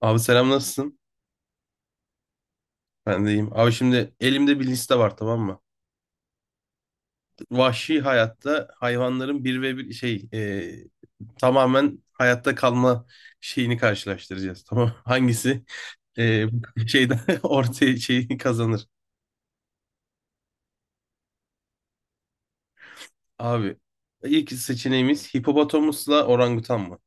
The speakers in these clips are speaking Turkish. Abi selam nasılsın? Ben de iyiyim. Abi şimdi elimde bir liste var, tamam mı? Vahşi hayatta hayvanların bir ve bir şey tamamen hayatta kalma şeyini karşılaştıracağız. Tamam mı? Hangisi e, şeyden ortaya şeyi kazanır? Abi ilk seçeneğimiz hipopotamusla orangutan mı?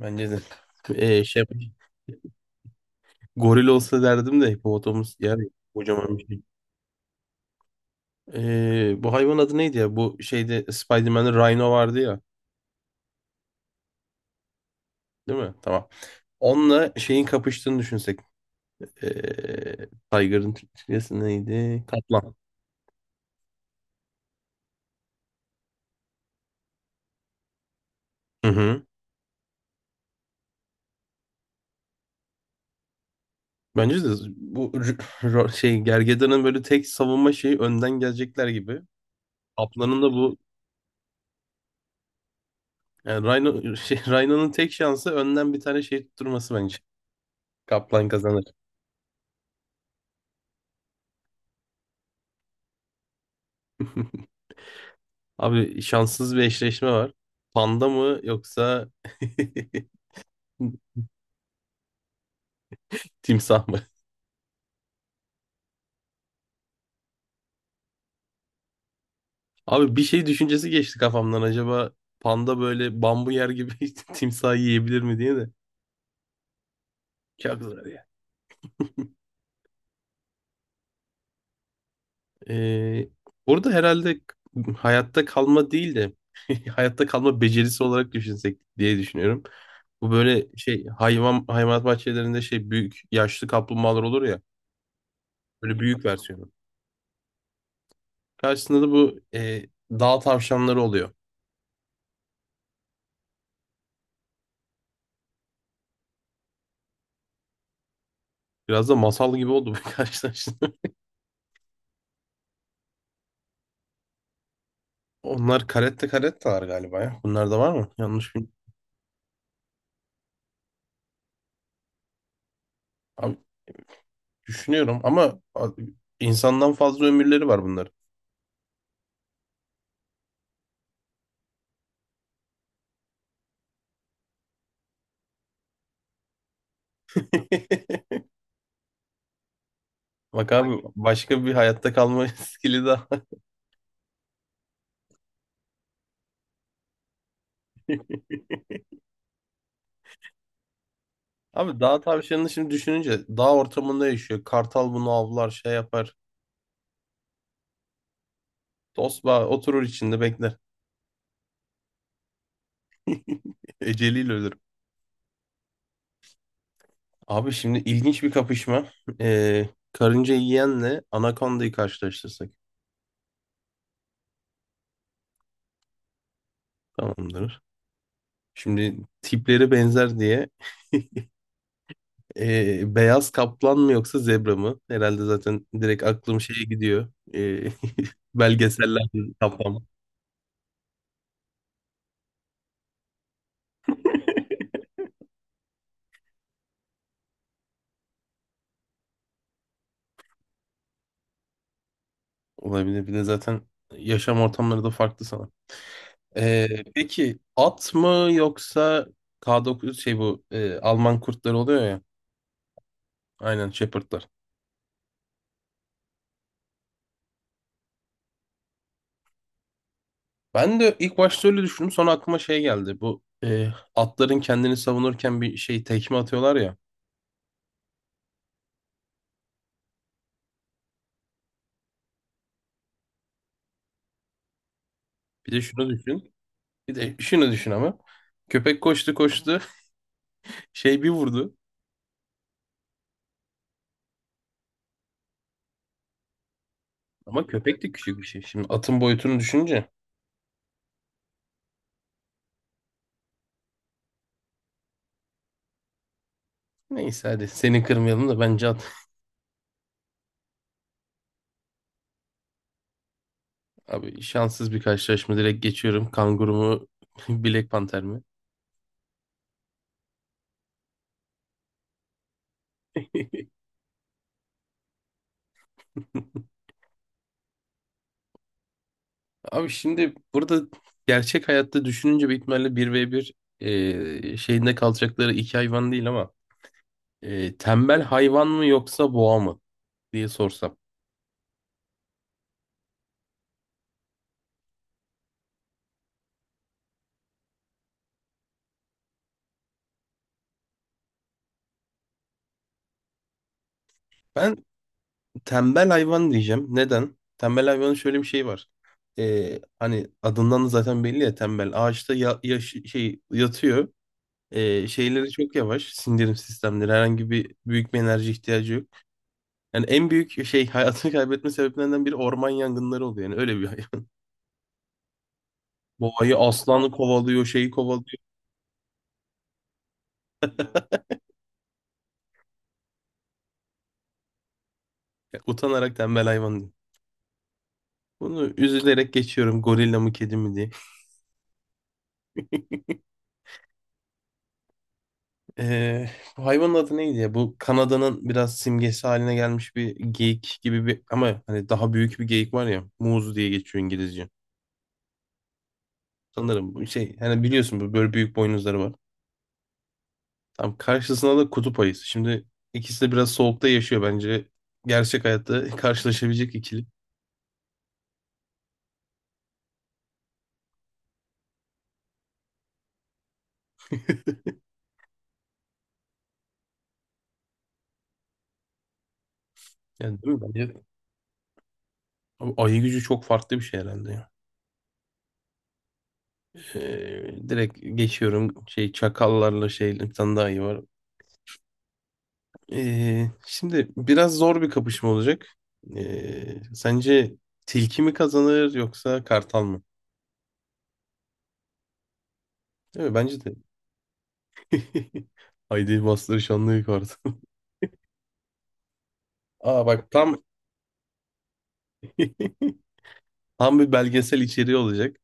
Bence de. Şey, goril olsa derdim de hipopotamus yer ya, kocaman bir şey. Bu hayvan adı neydi ya? Bu şeyde Spider-Man'de Rhino vardı ya. Değil mi? Tamam. Onunla şeyin kapıştığını düşünsek. Tiger'ın Türkçesi neydi? Kaplan. Hı hı. Bence de bu şey Gergedan'ın böyle tek savunma şeyi önden gelecekler gibi. Kaplan'ın da bu yani Rhino, şey, Rhino'nun tek şansı önden bir tane şey tutturması bence. Kaplan kazanır. Abi şanssız bir eşleşme var. Panda mı yoksa timsah mı? Abi bir şey düşüncesi geçti kafamdan. Acaba panda böyle bambu yer gibi timsahı yiyebilir mi diye de. Çok zor ya. Ee, burada herhalde hayatta kalma değil de hayatta kalma becerisi olarak düşünsek diye düşünüyorum. Bu böyle şey hayvan hayvanat bahçelerinde şey büyük yaşlı kaplumbağalar olur ya. Böyle büyük versiyonu. Karşısında da bu dağ tavşanları oluyor. Biraz da masal gibi oldu bu karşılaşma. Onlar karette karettalar galiba ya. Bunlar da var mı? Yanlış bilmiyorum. Düşünüyorum ama insandan fazla ömürleri var bunların. Bak abi başka bir hayatta kalma skili daha. Abi dağ tavşanını şimdi düşününce dağ ortamında yaşıyor. Kartal bunu avlar şey yapar. Tosbağa oturur içinde bekler. Eceliyle ölür. Abi şimdi ilginç bir kapışma. Karınca yiyenle anakondayı karşılaştırsak. Tamamdır. Şimdi tipleri benzer diye. Beyaz kaplan mı yoksa zebra mı? Herhalde zaten direkt aklım şeye gidiyor. Belgeseller kaplama. Olabilir. Bir de zaten yaşam ortamları da farklı sana. Ee, peki at mı yoksa K9 şey bu Alman kurtları oluyor ya. Aynen Shepherd'lar. Ben de ilk başta öyle düşündüm. Sonra aklıma şey geldi. Bu atların kendini savunurken bir şey tekme atıyorlar ya. Bir de şunu düşün. Bir de şunu düşün ama. Köpek koştu koştu. Şey bir vurdu. Ama köpek de küçük bir şey. Şimdi atın boyutunu düşünce. Neyse hadi seni kırmayalım da bence. Abi şanssız bir karşılaşma direkt geçiyorum. Kanguru mu, Black Panther mi? Abi şimdi burada gerçek hayatta düşününce büyük ihtimalle bir ve bir şeyinde kalacakları iki hayvan değil ama tembel hayvan mı yoksa boğa mı diye sorsam. Ben tembel hayvan diyeceğim. Neden? Tembel hayvanın şöyle bir şey var. Hani adından da zaten belli ya tembel. Ağaçta ya, şey yatıyor. Şeyleri çok yavaş. Sindirim sistemleri. Herhangi bir büyük bir enerji ihtiyacı yok. Yani en büyük şey hayatını kaybetme sebeplerinden biri orman yangınları oluyor. Yani öyle bir hayvan. Boğayı aslanı kovalıyor, şeyi kovalıyor. Utanarak tembel hayvan diyor. Bunu üzülerek geçiyorum. Gorilla mı kedi mi diye. Ee, bu hayvanın adı neydi ya? Bu Kanada'nın biraz simgesi haline gelmiş bir geyik gibi bir ama hani daha büyük bir geyik var ya. Moose diye geçiyor İngilizce. Sanırım bu şey hani biliyorsun bu böyle büyük boynuzları var. Tam karşısında da kutup ayısı. Şimdi ikisi de biraz soğukta yaşıyor bence. Gerçek hayatta karşılaşabilecek ikili. Yani değil mi? Bence. Abi ayı gücü çok farklı bir şey herhalde ya. Direkt geçiyorum şey çakallarla şey bir tane daha iyi var. Şimdi biraz zor bir kapışma olacak. Sence tilki mi kazanır yoksa kartal mı? Değil mi? Bence de. Haydi bastır şanlı kartal. Aa bak tam tam bir belgesel içeriği olacak.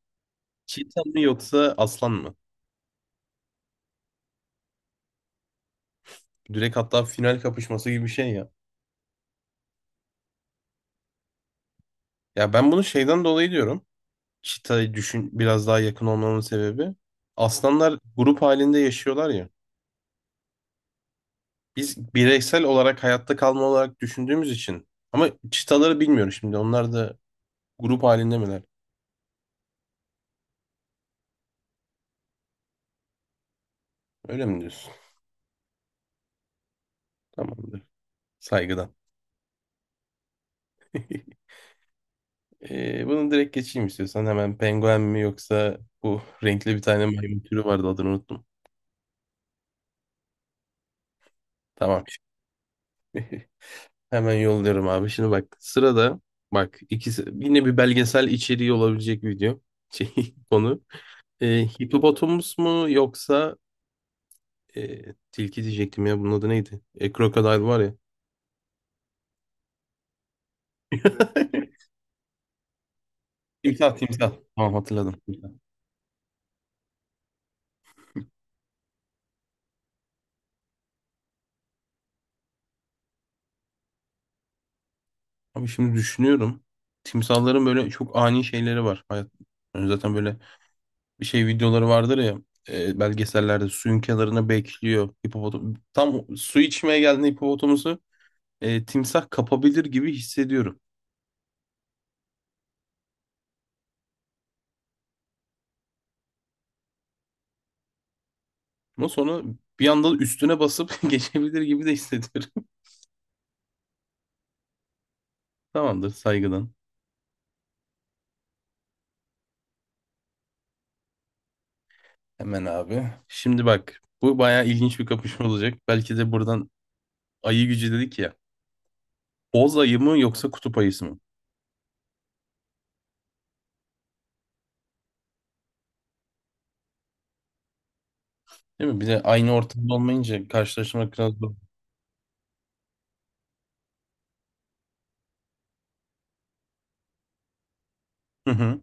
Çiğdem mi yoksa Aslan mı? Direkt hatta final kapışması gibi bir şey ya. Ya ben bunu şeyden dolayı diyorum. Çita'yı düşün biraz daha yakın olmamın sebebi. Aslanlar grup halinde yaşıyorlar ya. Biz bireysel olarak hayatta kalma olarak düşündüğümüz için. Ama çitaları bilmiyorum şimdi. Onlar da grup halinde miler? Öyle mi diyorsun? Tamamdır. Saygıdan. Bunu direkt geçeyim istiyorsan. Hemen penguen mi yoksa bu renkli bir tane maymun türü vardı adını unuttum. Tamam. Hemen yolluyorum abi. Şimdi bak sırada bak ikisi yine bir belgesel içeriği olabilecek video şey, konu. Hipopotamus mu yoksa tilki diyecektim ya bunun adı neydi? Crocodile var ya. Timsah timsah. Tamam hatırladım. Timsah. Abi şimdi düşünüyorum. Timsahların böyle çok ani şeyleri var. Hayat, yani zaten böyle bir şey videoları vardır ya. Belgesellerde suyun kenarına bekliyor. Hipopotam tam su içmeye geldiğinde hipopotamusu timsah kapabilir gibi hissediyorum. Ama sonra bir anda üstüne basıp geçebilir gibi de hissediyorum. Tamamdır saygıdan. Hemen abi. Şimdi bak bu bayağı ilginç bir kapışma olacak. Belki de buradan ayı gücü dedik ya. Boz ayı mı yoksa kutup ayısı mı? Değil mi? Bir de aynı ortamda olmayınca karşılaşmak biraz zor. Hı hı.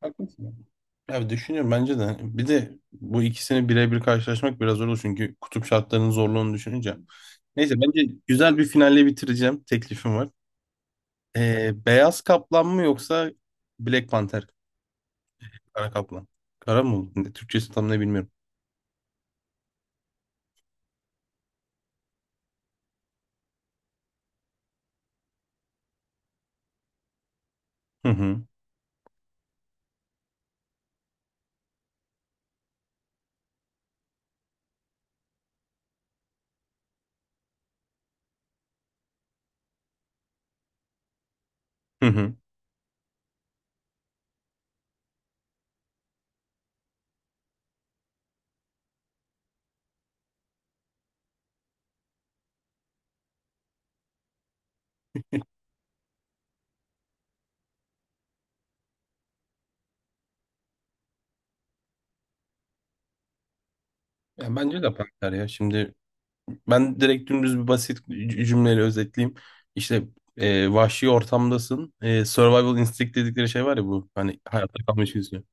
Haklısın. Abi düşünüyorum bence de. Bir de bu ikisini birebir karşılaşmak biraz zor olur çünkü kutup şartlarının zorluğunu düşününce. Neyse bence güzel bir finalle bitireceğim. Teklifim var. Beyaz kaplan mı yoksa Black Panther? Kara kaplan. Kara mı oldu? Türkçesi tam ne bilmiyorum. Hı hı. Hı hı. Ya bence de panter ya. Şimdi ben direkt dümdüz bir basit cümleyle özetleyeyim. İşte vahşi ortamdasın. Survival instinct dedikleri şey var ya bu. Hani hayatta kalma içgüdüsü.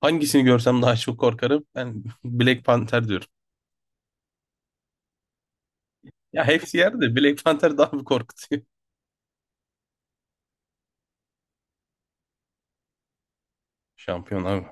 Hangisini görsem daha çok korkarım? Ben Black Panther diyorum. Ya hepsi yerde de Black Panther daha bir korkutuyor. Şampiyon abi.